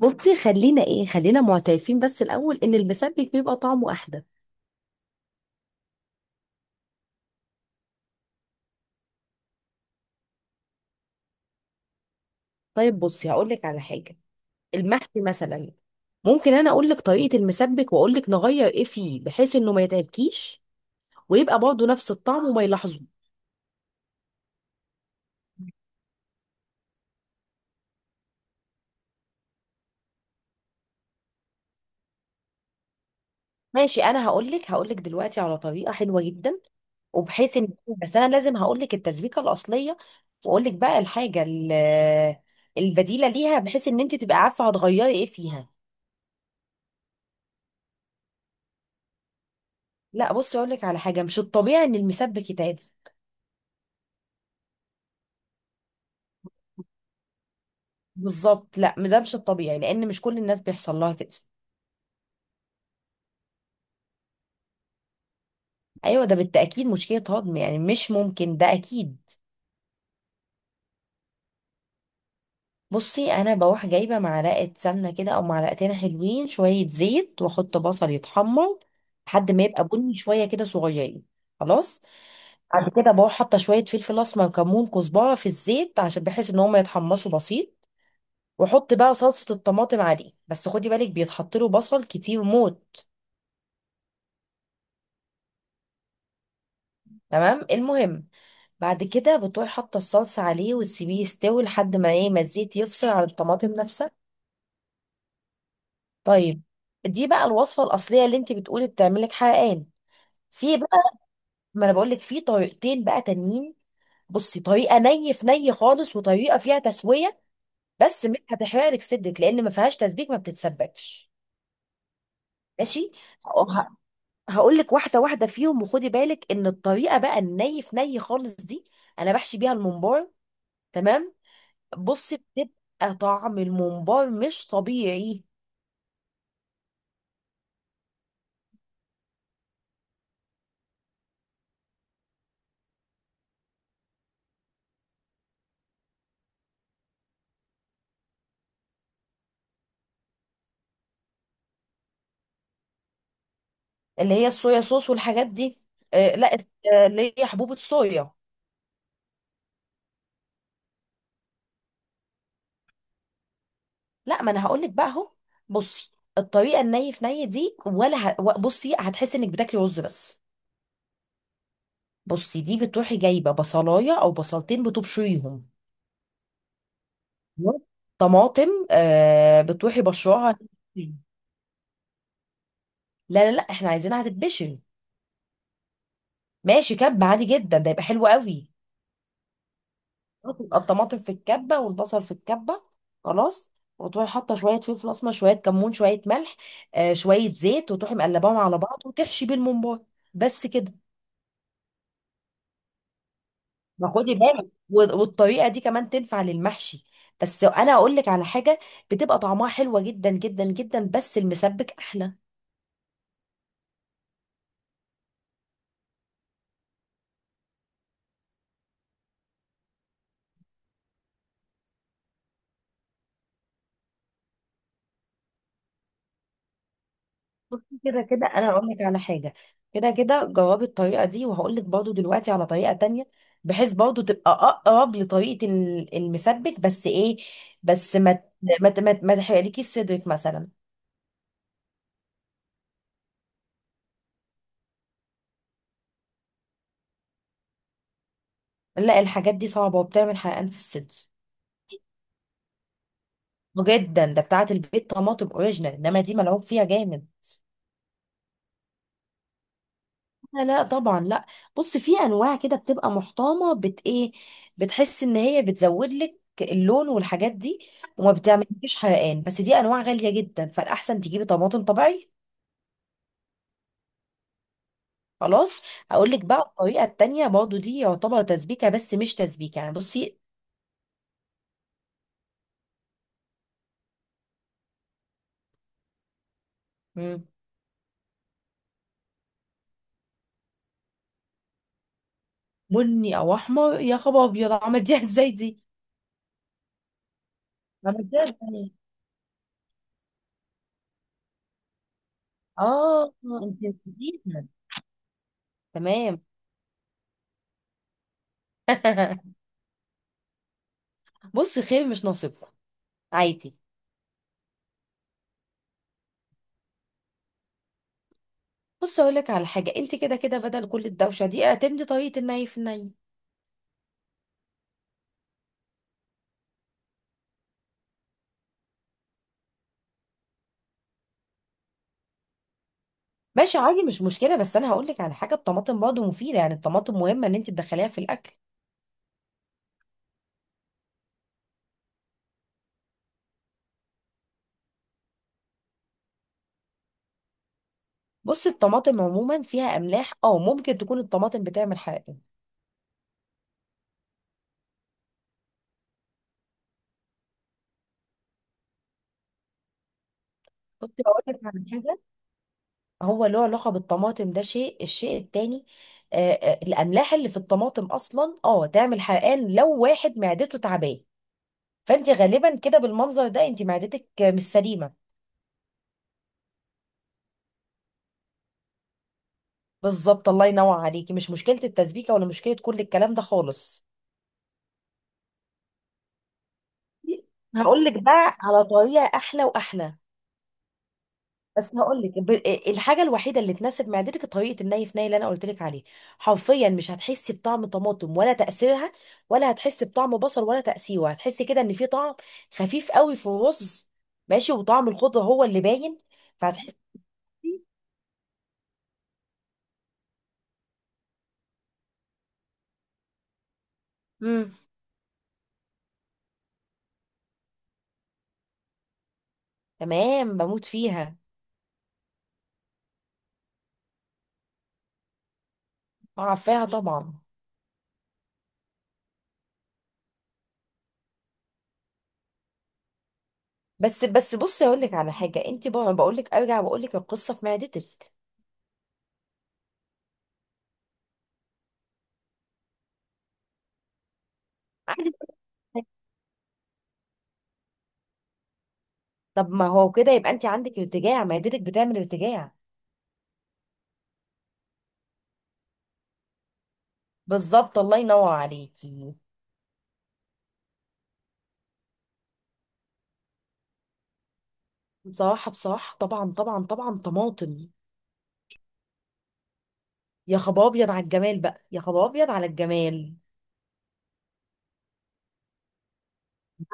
بصي، خلينا معترفين بس الاول ان المسبك بيبقى طعمه احلى. طيب بصي هقول لك على حاجه، المحشي مثلا. ممكن انا اقول لك طريقه المسبك واقول لك نغير ايه فيه بحيث انه ما يتعبكيش ويبقى برضه نفس الطعم وما يلاحظوه. ماشي، انا هقول لك دلوقتي على طريقه حلوه جدا، وبحيث ان، بس انا لازم هقول لك التسبيكه الاصليه واقول لك بقى الحاجه البديله ليها بحيث ان انت تبقى عارفه هتغيري ايه فيها. لا بصي، اقول لك على حاجه، مش الطبيعي ان المسبك يتعب. بالظبط، لا ده مش الطبيعي لان مش كل الناس بيحصل لها كده. ايوه، ده بالتاكيد مشكله هضم، يعني مش ممكن، ده اكيد. بصي، انا بروح جايبه معلقه سمنه كده او معلقتين، حلوين شويه زيت واحط بصل يتحمر لحد ما يبقى بني شويه كده صغيرين. خلاص. بعد كده بروح حاطه شويه فلفل اسمر، كمون، كزبره في الزيت عشان بحيث ان هم يتحمصوا بسيط، واحط بقى صلصه الطماطم عليه. بس خدي بالك، بيتحط له بصل كتير موت. تمام. المهم بعد كده بتروحي حاطه الصلصه عليه وتسيبيه يستوي لحد ما ايه، ما الزيت يفصل عن الطماطم نفسها. طيب، دي بقى الوصفه الاصليه اللي انت بتقولي بتعملك حرقان. في بقى، ما انا بقول لك، في طريقتين بقى تانيين. بصي، طريقه ني في ني خالص، وطريقه فيها تسويه. بس مش هتحرقلك صدرك لان ما فيهاش تسبيك، ما بتتسبكش. ماشي، هقول لك واحده واحده فيهم. وخدي بالك ان الطريقه بقى الني في ني خالص دي، انا بحشي بيها الممبار. تمام. بص، بتبقى طعم الممبار مش طبيعي. اللي هي الصويا صوص والحاجات دي. آه لا، آه، اللي هي حبوب الصويا. لا، ما انا هقول لك بقى اهو. بصي، الطريقه الني في ني دي بصي، هتحسي انك بتاكلي رز بس. بصي دي بتروحي جايبه بصلايه او بصلتين بتبشريهم. طماطم آه، بتروحي بشراها. لا لا لا، احنا عايزينها هتتبشر. ماشي، كب عادي جدا ده يبقى حلو قوي. بيبقى الطماطم في الكبه والبصل في الكبه. خلاص. وتروحي حاطه شويه فلفل اسمر، شويه كمون، شويه ملح، آه شويه زيت، وتروحي مقلباهم على بعض وتحشي بيه الممبار. بس كده. ما خدي بالك، والطريقه دي كمان تنفع للمحشي. بس انا اقول لك على حاجه، بتبقى طعمها حلوه جدا جدا جدا، بس المسبك احلى. بصي، كده كده انا هقول لك على حاجه. كده كده جربي الطريقه دي، وهقول لك برضو دلوقتي على طريقه تانية، بحيث برضو تبقى اقرب لطريقه المسبك، بس ايه، بس ما تحرقلكيش صدرك مثلا. لا، الحاجات دي صعبه وبتعمل حرقان في الصدر. جدا، ده بتاعه البيت طماطم اوريجينال انما دي ملعوب فيها جامد. لا لا، طبعا لا. بص، في انواع كده بتبقى محترمه، بت ايه، بتحس ان هي بتزود لك اللون والحاجات دي، وما بتعملكيش حرقان. بس دي انواع غاليه جدا، فالاحسن تجيبي طماطم طبيعي. خلاص. اقول لك بقى الطريقه التانية برضو، دي يعتبر تسبيكه بس مش تسبيكه، يعني بصي. مم. بني او احمر؟ يا خبر، ابيض عملتيها ازاي دي؟ عملتيها ازاي؟ اه انت نسيتيها. تمام. بصي، خير، مش ناصبكم. عادي. بص اقول لك على حاجه، انت كده كده بدل كل الدوشه دي اعتمدي طريقه الني في الني. ماشي، عادي، مش مشكله. بس انا هقول لك على حاجه، الطماطم برضه مفيده، يعني الطماطم مهمه ان انت تدخليها في الاكل. بصي، الطماطم عموما فيها املاح، اه ممكن تكون الطماطم بتعمل حرقان. بصي، هقول لك على حاجه، هو له علاقه بالطماطم، ده الشيء التاني، آه آه الاملاح اللي في الطماطم اصلا، اه تعمل حرقان لو واحد معدته تعباه. فانت غالبا كده بالمنظر ده، انت معدتك آه، مش سليمه. بالظبط، الله ينور عليكي، مش مشكلة التسبيكة ولا مشكلة كل الكلام ده خالص. هقول لك بقى على طريقة أحلى وأحلى. بس هقول لك ب... الحاجة الوحيدة اللي تناسب معدتك طريقة الني في ني اللي أنا قلت لك عليه. حرفيا مش هتحسي بطعم طماطم ولا تأثيرها، ولا هتحسي بطعم بصل ولا تأثيره. هتحسي كده إن في طعم خفيف قوي في الرز. ماشي، وطعم الخضرة هو اللي باين. فهتحسي. امم. تمام، بموت فيها. عارفاها طبعا. بس بس، بصي اقول لك على حاجه، انت بقول لك ارجع، بقول لك القصه في معدتك. عادي. طب ما هو كده يبقى انت عندك ارتجاع، معدتك بتعمل ارتجاع. بالظبط، الله ينور عليكي. بصراحه، بصراحه طبعا طبعا طبعا، طماطم. يا خباب ابيض على الجمال بقى، يا خباب ابيض على الجمال.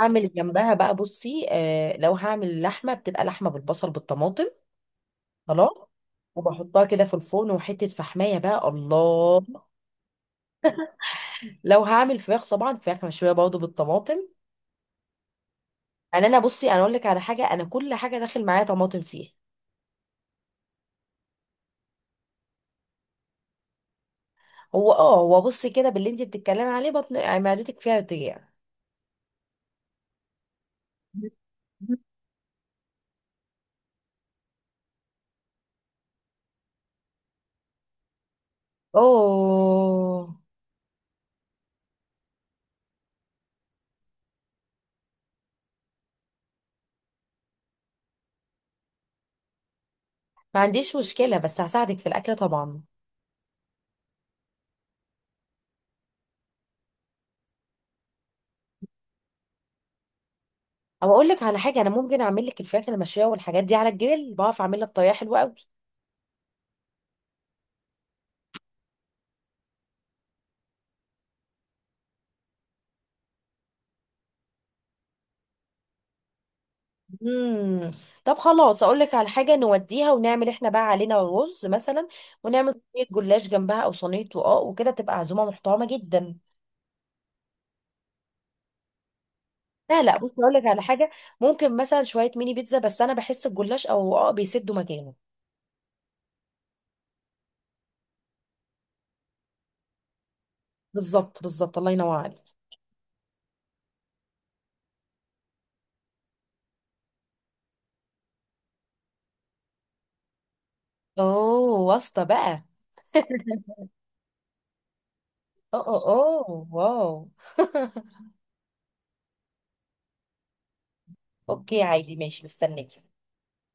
هعمل جنبها بقى، بصي، آه، لو هعمل لحمه بتبقى لحمه بالبصل بالطماطم. خلاص. وبحطها كده في الفرن وحته فحمايه بقى الله. لو هعمل فراخ، طبعا فراخ مشويه برضه بالطماطم. يعني انا بصي، انا اقول لك على حاجه، انا كل حاجه داخل معايا طماطم فيها. هو اه، هو بصي كده، باللي انت بتتكلمي عليه بطن، يعني معدتك فيها بتجيع. اوه. ما عنديش مشكله، بس هساعدك في الاكل طبعا. او اقول لك على حاجه، انا ممكن اعمل لك الفراخ المشويه والحاجات دي على الجبل، بعرف اعملها بطريقه حلوه قوي. امم. طب خلاص، اقول لك على حاجه، نوديها ونعمل احنا بقى علينا رز مثلا، ونعمل صينيه جلاش جنبها او صينيه رقاق وكده، تبقى عزومه محترمه جدا. لا لا، بص هقول لك على حاجه، ممكن مثلا شويه ميني بيتزا، بس انا بحس الجلاش او اه بيسدوا مكانه. بالظبط بالظبط، الله ينور عليك. اوه، واسطه بقى. اه اه. اه، واو. اوكي، عادي، ماشي، مستنيك.